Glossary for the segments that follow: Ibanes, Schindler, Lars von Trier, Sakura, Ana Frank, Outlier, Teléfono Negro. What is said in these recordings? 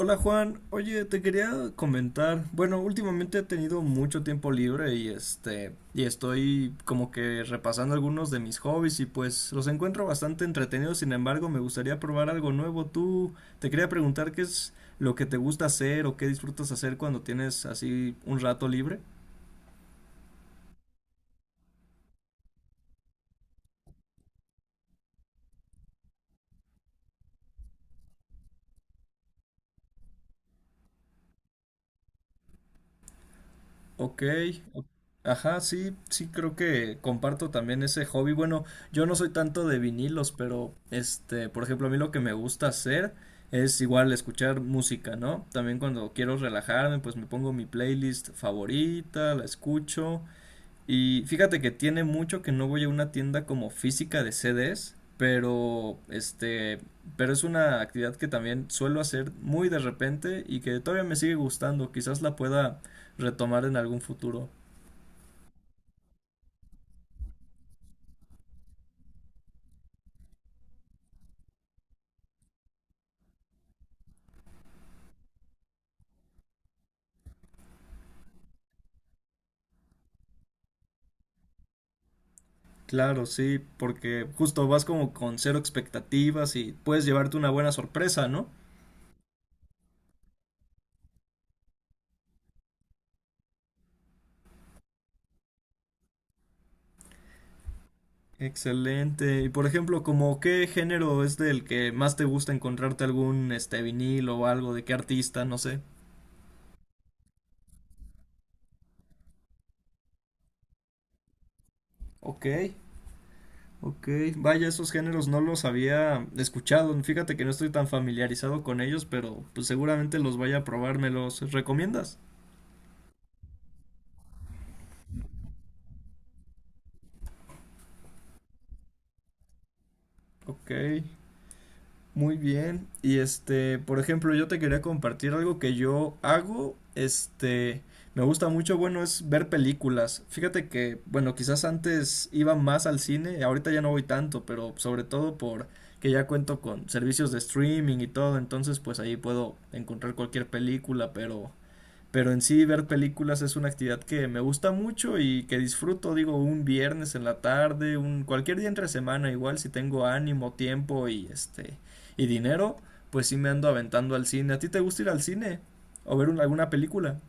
Hola Juan, oye, te quería comentar, bueno, últimamente he tenido mucho tiempo libre y estoy como que repasando algunos de mis hobbies y pues los encuentro bastante entretenidos. Sin embargo, me gustaría probar algo nuevo. Te quería preguntar qué es lo que te gusta hacer o qué disfrutas hacer cuando tienes así un rato libre. Ok, o- ajá, sí, sí creo que comparto también ese hobby. Bueno, yo no soy tanto de vinilos, pero por ejemplo, a mí lo que me gusta hacer es igual escuchar música, ¿no? También cuando quiero relajarme, pues me pongo mi playlist favorita, la escucho. Y fíjate que tiene mucho que no voy a una tienda como física de CDs, pero es una actividad que también suelo hacer muy de repente y que todavía me sigue gustando, quizás la pueda retomar en algún futuro. Claro, sí, porque justo vas como con cero expectativas y puedes llevarte una buena sorpresa, ¿no? Excelente. Y por ejemplo, como qué género es del que más te gusta encontrarte algún vinilo o algo de qué artista, no sé. Ok. Ok, vaya, esos géneros no los había escuchado. Fíjate que no estoy tan familiarizado con ellos, pero pues seguramente los vaya a probar. ¿Me los recomiendas? Ok, muy bien. Por ejemplo, yo te quería compartir algo que yo hago. Me gusta mucho, bueno, es ver películas. Fíjate que, bueno, quizás antes iba más al cine, ahorita ya no voy tanto, pero sobre todo por que ya cuento con servicios de streaming y todo, entonces pues ahí puedo encontrar cualquier película, pero en sí ver películas es una actividad que me gusta mucho y que disfruto. Digo, un viernes en la tarde, un cualquier día entre semana, igual si tengo ánimo, tiempo y dinero, pues sí me ando aventando al cine. ¿A ti te gusta ir al cine o ver alguna película?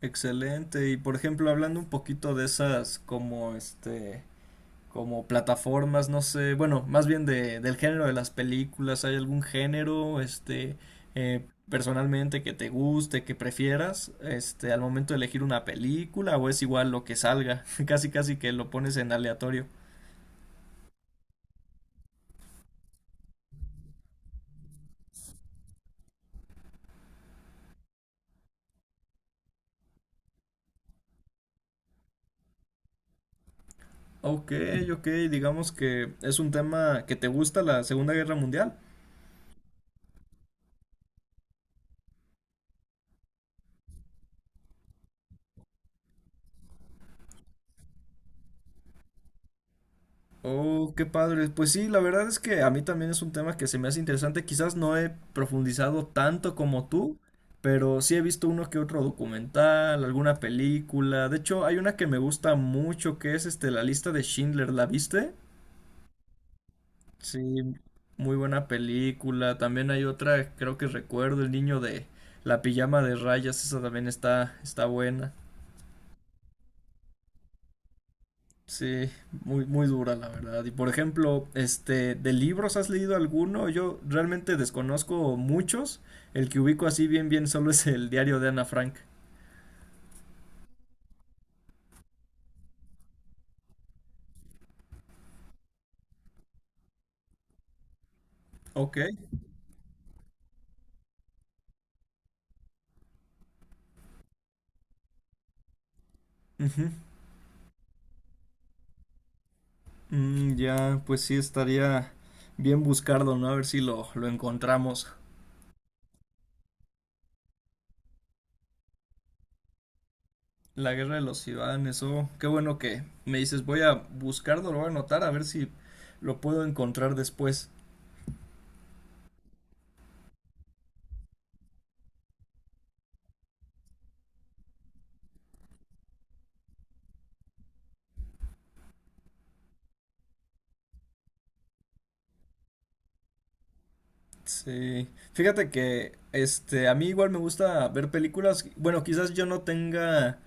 Excelente. Y por ejemplo, hablando un poquito de esas como plataformas, no sé, bueno, más bien del género de las películas, ¿hay algún género, personalmente, que te guste, que prefieras, al momento de elegir una película, o es igual lo que salga, casi casi que lo pones en aleatorio? Ok, ok, digamos que es un tema que te gusta, la Segunda Guerra Mundial. Oh, qué padre. Pues sí, la verdad es que a mí también es un tema que se me hace interesante. Quizás no he profundizado tanto como tú, pero sí he visto uno que otro documental, alguna película. De hecho, hay una que me gusta mucho que es La lista de Schindler, ¿la viste? Sí, muy buena película. También hay otra, creo que recuerdo, El niño de la pijama de rayas, esa también está buena. Sí, muy, muy dura la verdad. Y por ejemplo, ¿de libros has leído alguno? Yo realmente desconozco muchos. El que ubico así bien solo es el diario de Ana Frank. Ok. Ujú. Mm, ya, pues sí estaría bien buscarlo, ¿no? A ver si lo encontramos. La guerra de los Ibanes, oh, qué bueno que me dices, voy a buscarlo, lo voy a anotar, a ver si lo puedo encontrar después. Sí, fíjate que a mí igual me gusta ver películas, bueno, quizás yo no tenga,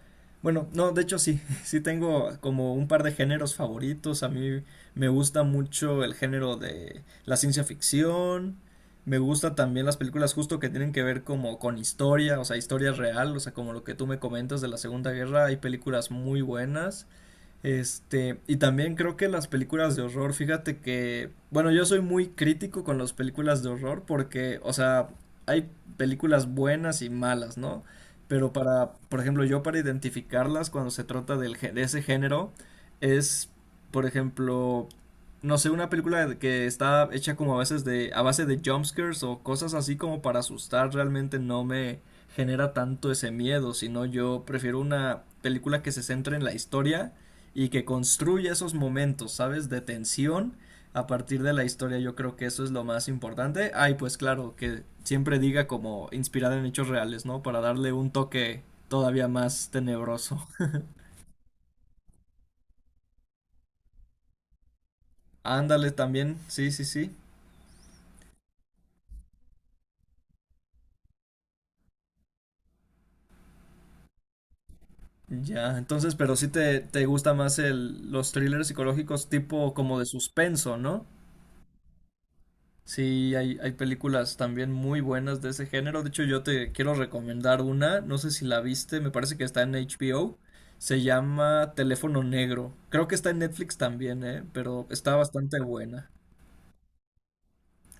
bueno, no, de hecho sí, sí tengo como un par de géneros favoritos. A mí me gusta mucho el género de la ciencia ficción, me gusta también las películas justo que tienen que ver como con historia, o sea, historia real, o sea, como lo que tú me comentas de la Segunda Guerra, hay películas muy buenas. Y también creo que las películas de horror, fíjate que, bueno, yo soy muy crítico con las películas de horror porque, o sea, hay películas buenas y malas, ¿no? Pero para, por ejemplo, yo para identificarlas cuando se trata de ese género es, por ejemplo, no sé, una película que está hecha como a veces de, a base de jumpscares o cosas así como para asustar, realmente no me genera tanto ese miedo, sino yo prefiero una película que se centre en la historia y que construya esos momentos, ¿sabes? De tensión a partir de la historia. Yo creo que eso es lo más importante. Ay, pues claro, que siempre diga como inspirada en hechos reales, ¿no? Para darle un toque todavía más tenebroso. Ándale también, sí, sí, sí. Ya, entonces, pero sí te gusta más los thrillers psicológicos tipo como de suspenso, ¿no? Sí, hay películas también muy buenas de ese género. De hecho, yo te quiero recomendar una, no sé si la viste, me parece que está en HBO. Se llama Teléfono Negro. Creo que está en Netflix también, ¿eh? Pero está bastante buena.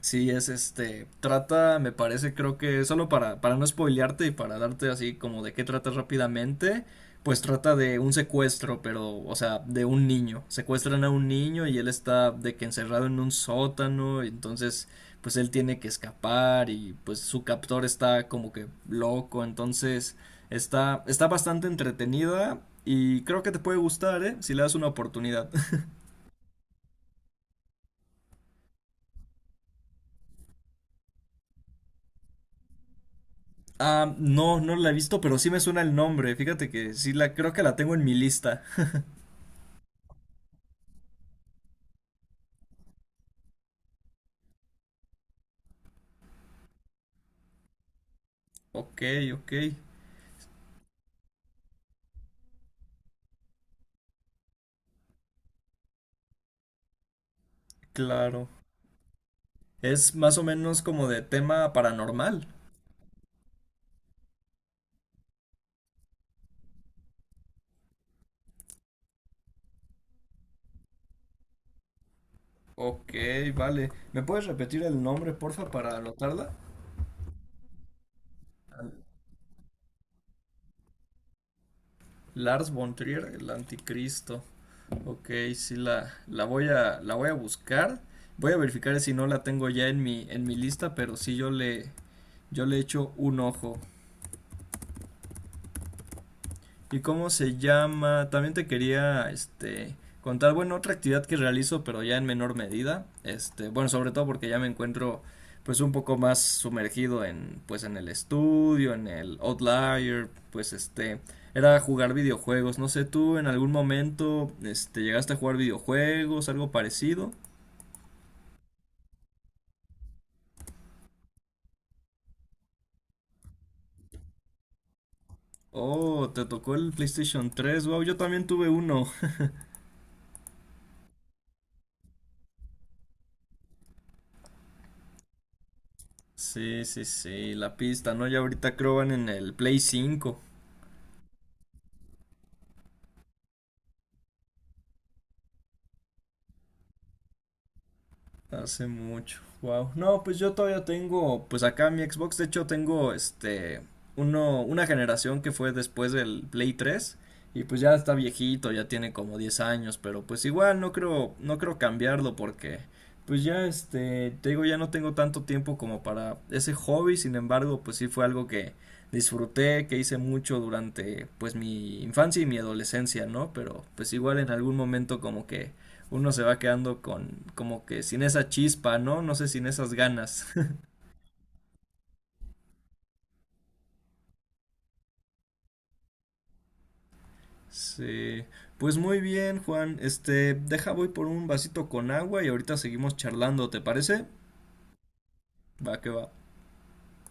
Sí, es trata, me parece, creo que solo para no spoilearte y para darte así como de qué trata rápidamente, pues trata de un secuestro, pero, o sea, de un niño. Secuestran a un niño y él está de que encerrado en un sótano, y entonces, pues él tiene que escapar y pues su captor está como que loco, entonces está, está bastante entretenida y creo que te puede gustar, ¿eh? Si le das una oportunidad. Ah, no, no la he visto, pero sí me suena el nombre. Fíjate que sí la creo que la tengo en mi lista. Ok, ok, claro. Es más o menos como de tema paranormal. Ok, vale. ¿Me puedes repetir el nombre, porfa, para anotarla? Lars von Trier, el anticristo. Ok, sí la, la voy a buscar. Voy a verificar si no la tengo ya en mi lista, pero sí yo le echo un ojo. ¿Y cómo se llama? También te quería, contar, bueno, otra actividad que realizo, pero ya en menor medida, bueno, sobre todo porque ya me encuentro, pues, un poco más sumergido en, pues, en el estudio, en el Outlier, era jugar videojuegos, no sé, ¿tú en algún momento, llegaste a jugar videojuegos, algo parecido? Oh, te tocó el PlayStation 3. Wow, yo también tuve uno. Sí, sí, sí, la pista, ¿no? Ya ahorita creo van en el Play 5. Hace mucho. Wow. No, pues yo todavía tengo, pues acá mi Xbox. De hecho tengo este uno una generación que fue después del Play 3 y pues ya está viejito, ya tiene como 10 años, pero pues igual no creo cambiarlo porque pues ya te digo, ya no tengo tanto tiempo como para ese hobby. Sin embargo, pues sí fue algo que disfruté, que hice mucho durante pues mi infancia y mi adolescencia, ¿no? Pero pues igual en algún momento como que uno se va quedando con como que sin esa chispa, ¿no? No sé, sin esas ganas. Sí. Pues muy bien, Juan. Deja voy por un vasito con agua y ahorita seguimos charlando, ¿te parece? Va que va.